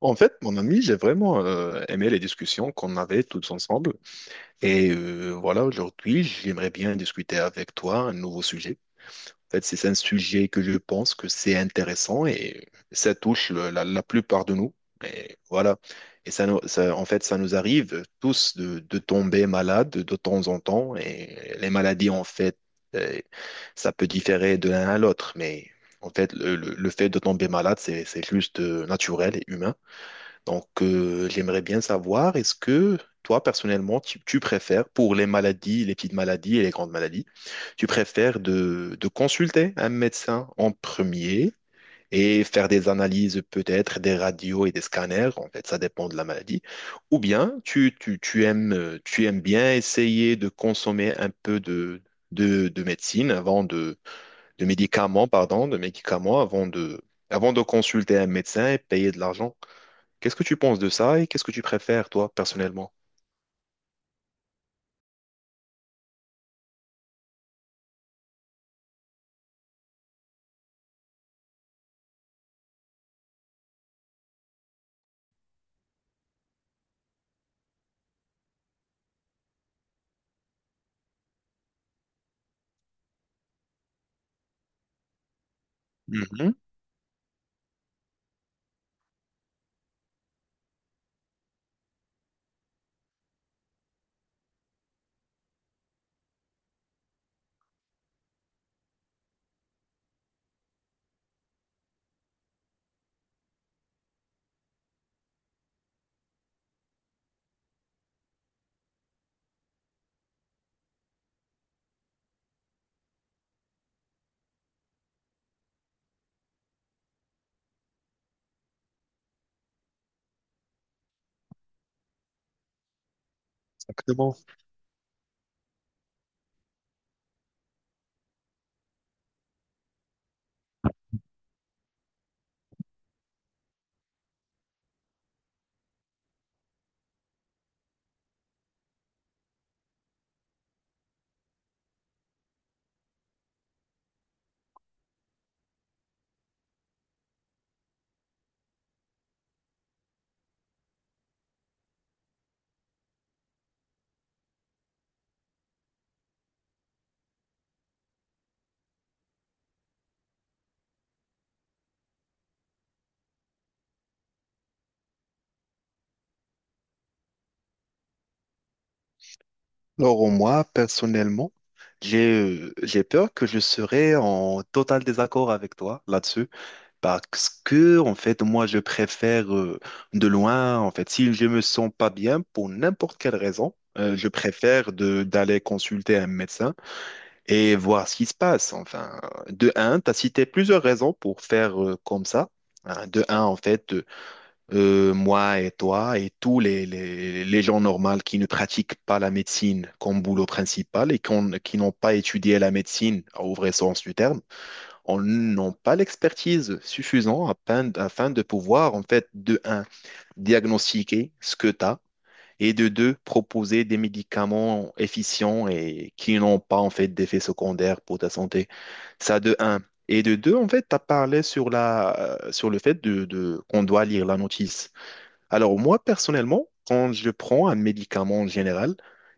En fait, mon ami, j'ai vraiment aimé les discussions qu'on avait toutes ensemble. Et voilà, aujourd'hui, j'aimerais bien discuter avec toi un nouveau sujet. En fait, c'est un sujet que je pense que c'est intéressant et ça touche la plupart de nous. Et voilà. Et ça, en fait, ça nous arrive tous de tomber malade de temps en temps. Et les maladies, en fait, euh, ça peut différer de l'un à l'autre. Mais en fait, le fait de tomber malade, c'est juste naturel et humain. Donc, j'aimerais bien savoir, est-ce que toi, personnellement, tu préfères, pour les maladies, les petites maladies et les grandes maladies, tu préfères de consulter un médecin en premier et faire des analyses, peut-être des radios et des scanners, en fait, ça dépend de la maladie, ou bien tu aimes, tu aimes bien essayer de consommer un peu de médecine avant de médicaments, pardon, de médicaments avant de consulter un médecin et payer de l'argent. Qu'est-ce que tu penses de ça et qu'est-ce que tu préfères, toi, personnellement? Mhm. Exactement. Alors, moi, personnellement, j'ai peur que je serai en total désaccord avec toi là-dessus parce que, en fait, moi, je préfère de loin, en fait, si je me sens pas bien pour n'importe quelle raison, je préfère de d'aller consulter un médecin et voir ce qui se passe. Enfin, de un, tu as cité plusieurs raisons pour faire comme ça. Hein, de un, en fait, moi et toi et tous les gens normaux qui ne pratiquent pas la médecine comme boulot principal et qui n'ont pas étudié la médecine au vrai sens du terme, on n'ont pas l'expertise suffisante afin de pouvoir, en fait, de un, diagnostiquer ce que tu as et de deux, proposer des médicaments efficients et qui n'ont pas, en fait, d'effets secondaires pour ta santé. Ça de un. Et de deux, en fait, tu as parlé sur la, sur le fait qu'on doit lire la notice. Alors moi, personnellement, quand je prends un médicament en général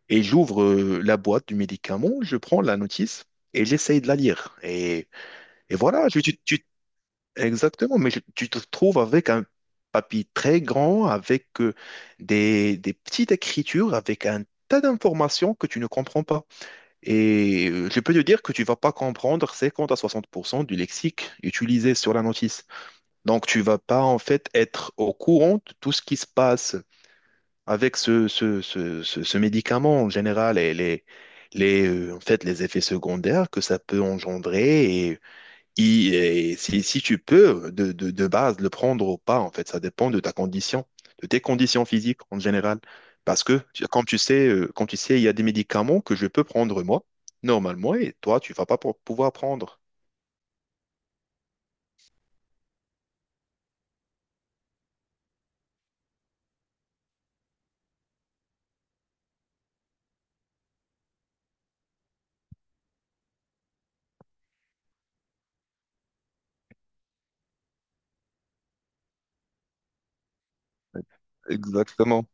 et j'ouvre la boîte du médicament, je prends la notice et j'essaye de la lire. Et voilà, exactement, mais tu te trouves avec un papier très grand, avec des petites écritures, avec un tas d'informations que tu ne comprends pas. Et je peux te dire que tu vas pas comprendre 50 à 60% du lexique utilisé sur la notice. Donc tu vas pas en fait être au courant de tout ce qui se passe avec ce médicament, en général, et en fait, les effets secondaires que ça peut engendrer, et, et si, si tu peux, de base, le prendre ou pas, en fait, ça dépend de ta condition, de tes conditions physiques en général. Parce que, comme tu sais, il y a des médicaments que je peux prendre moi, normalement, et toi, tu vas pas pouvoir prendre. Exactement.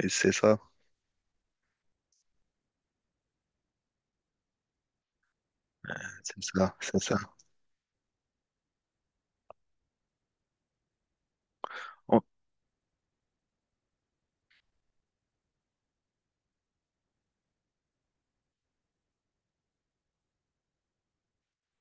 Et c'est ça, c'est ça, c'est ça.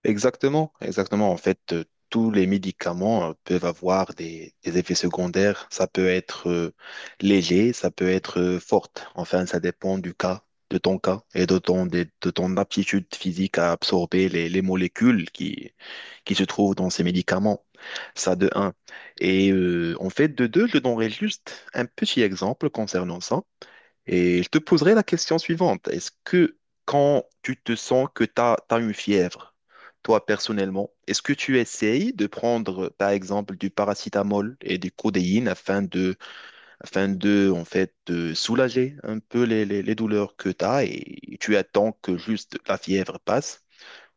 Exactement, exactement. En fait, tous les médicaments peuvent avoir des effets secondaires. Ça peut être léger, ça peut être forte. Enfin, ça dépend du cas, de ton cas et de ton aptitude physique à absorber les molécules qui se trouvent dans ces médicaments. Ça de un. Et en fait, de deux, je donnerai juste un petit exemple concernant ça. Et je te poserai la question suivante. Est-ce que quand tu te sens que tu as, une fièvre, toi personnellement, est-ce que tu essayes de prendre, par exemple, du paracétamol et du codéine afin de, en fait, de soulager un peu les douleurs que tu as et tu attends que juste la fièvre passe?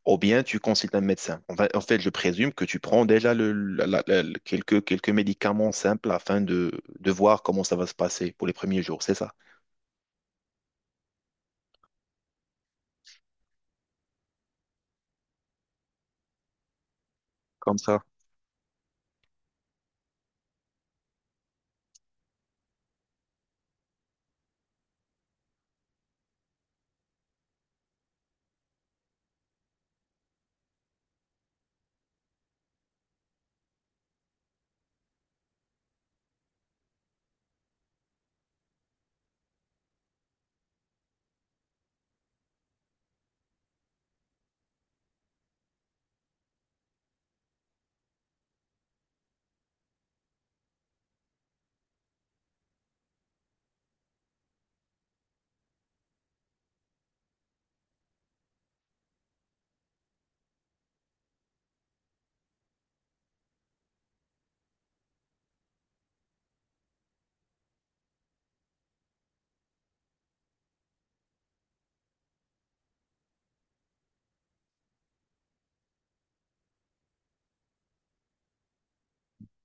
Ou bien tu consultes un médecin. En fait, je présume que tu prends déjà le, la- la- la- le- quelques, quelques médicaments simples afin de voir comment ça va se passer pour les premiers jours, c'est ça? Comme ça,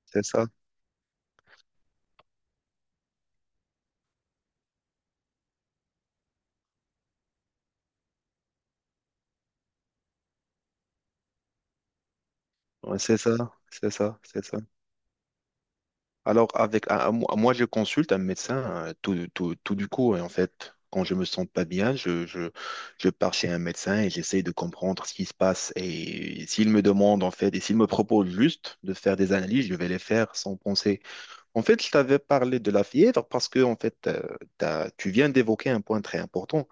c'est ça. Ouais, c'est ça, c'est ça, c'est ça. Alors, avec, moi, je consulte un médecin tout du coup. Et en fait, quand je me sens pas bien, je pars chez un médecin et j'essaie de comprendre ce qui se passe. Et s'il me demande, en fait, et s'il me propose juste de faire des analyses, je vais les faire sans penser. En fait, je t'avais parlé de la fièvre parce que, en fait, tu viens d'évoquer un point très important.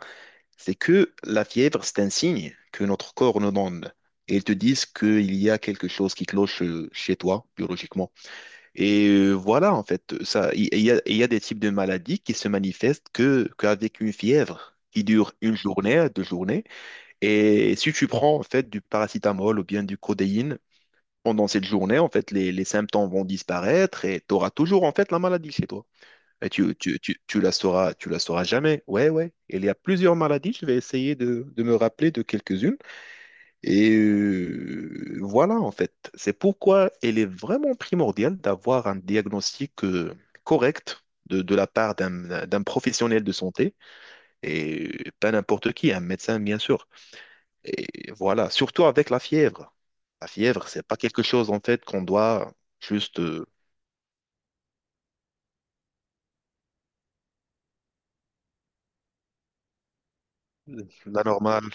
C'est que la fièvre, c'est un signe que notre corps nous donne. Et ils te disent qu'il y a quelque chose qui cloche chez toi, biologiquement. Et voilà, en fait, il y a des types de maladies qui se manifestent qu'avec une fièvre qui dure une journée, deux journées. Et si tu prends, en fait, du paracétamol ou bien du codéine pendant cette journée, en fait, les symptômes vont disparaître et tu auras toujours, en fait, la maladie chez toi. Et tu la sauras, tu la sauras jamais. Ouais, ouais. Et il y a plusieurs maladies. Je vais essayer de me rappeler de quelques-unes. Et voilà, en fait, c'est pourquoi il est vraiment primordial d'avoir un diagnostic correct de la part d'un professionnel de santé, et pas n'importe qui, un médecin, bien sûr. Et voilà, surtout avec la fièvre. La fièvre, c'est pas quelque chose, en fait, qu'on doit juste... euh, la normale.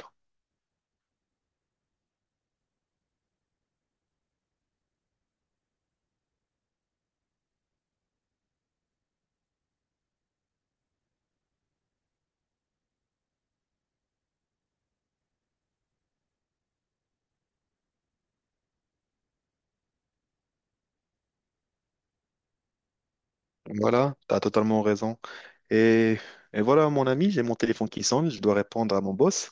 Voilà, tu as totalement raison. Et, et voilà, mon ami, j'ai mon téléphone qui sonne, je dois répondre à mon boss.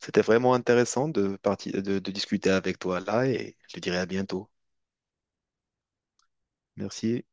C'était vraiment intéressant de discuter avec toi là et je te dirai à bientôt. Merci.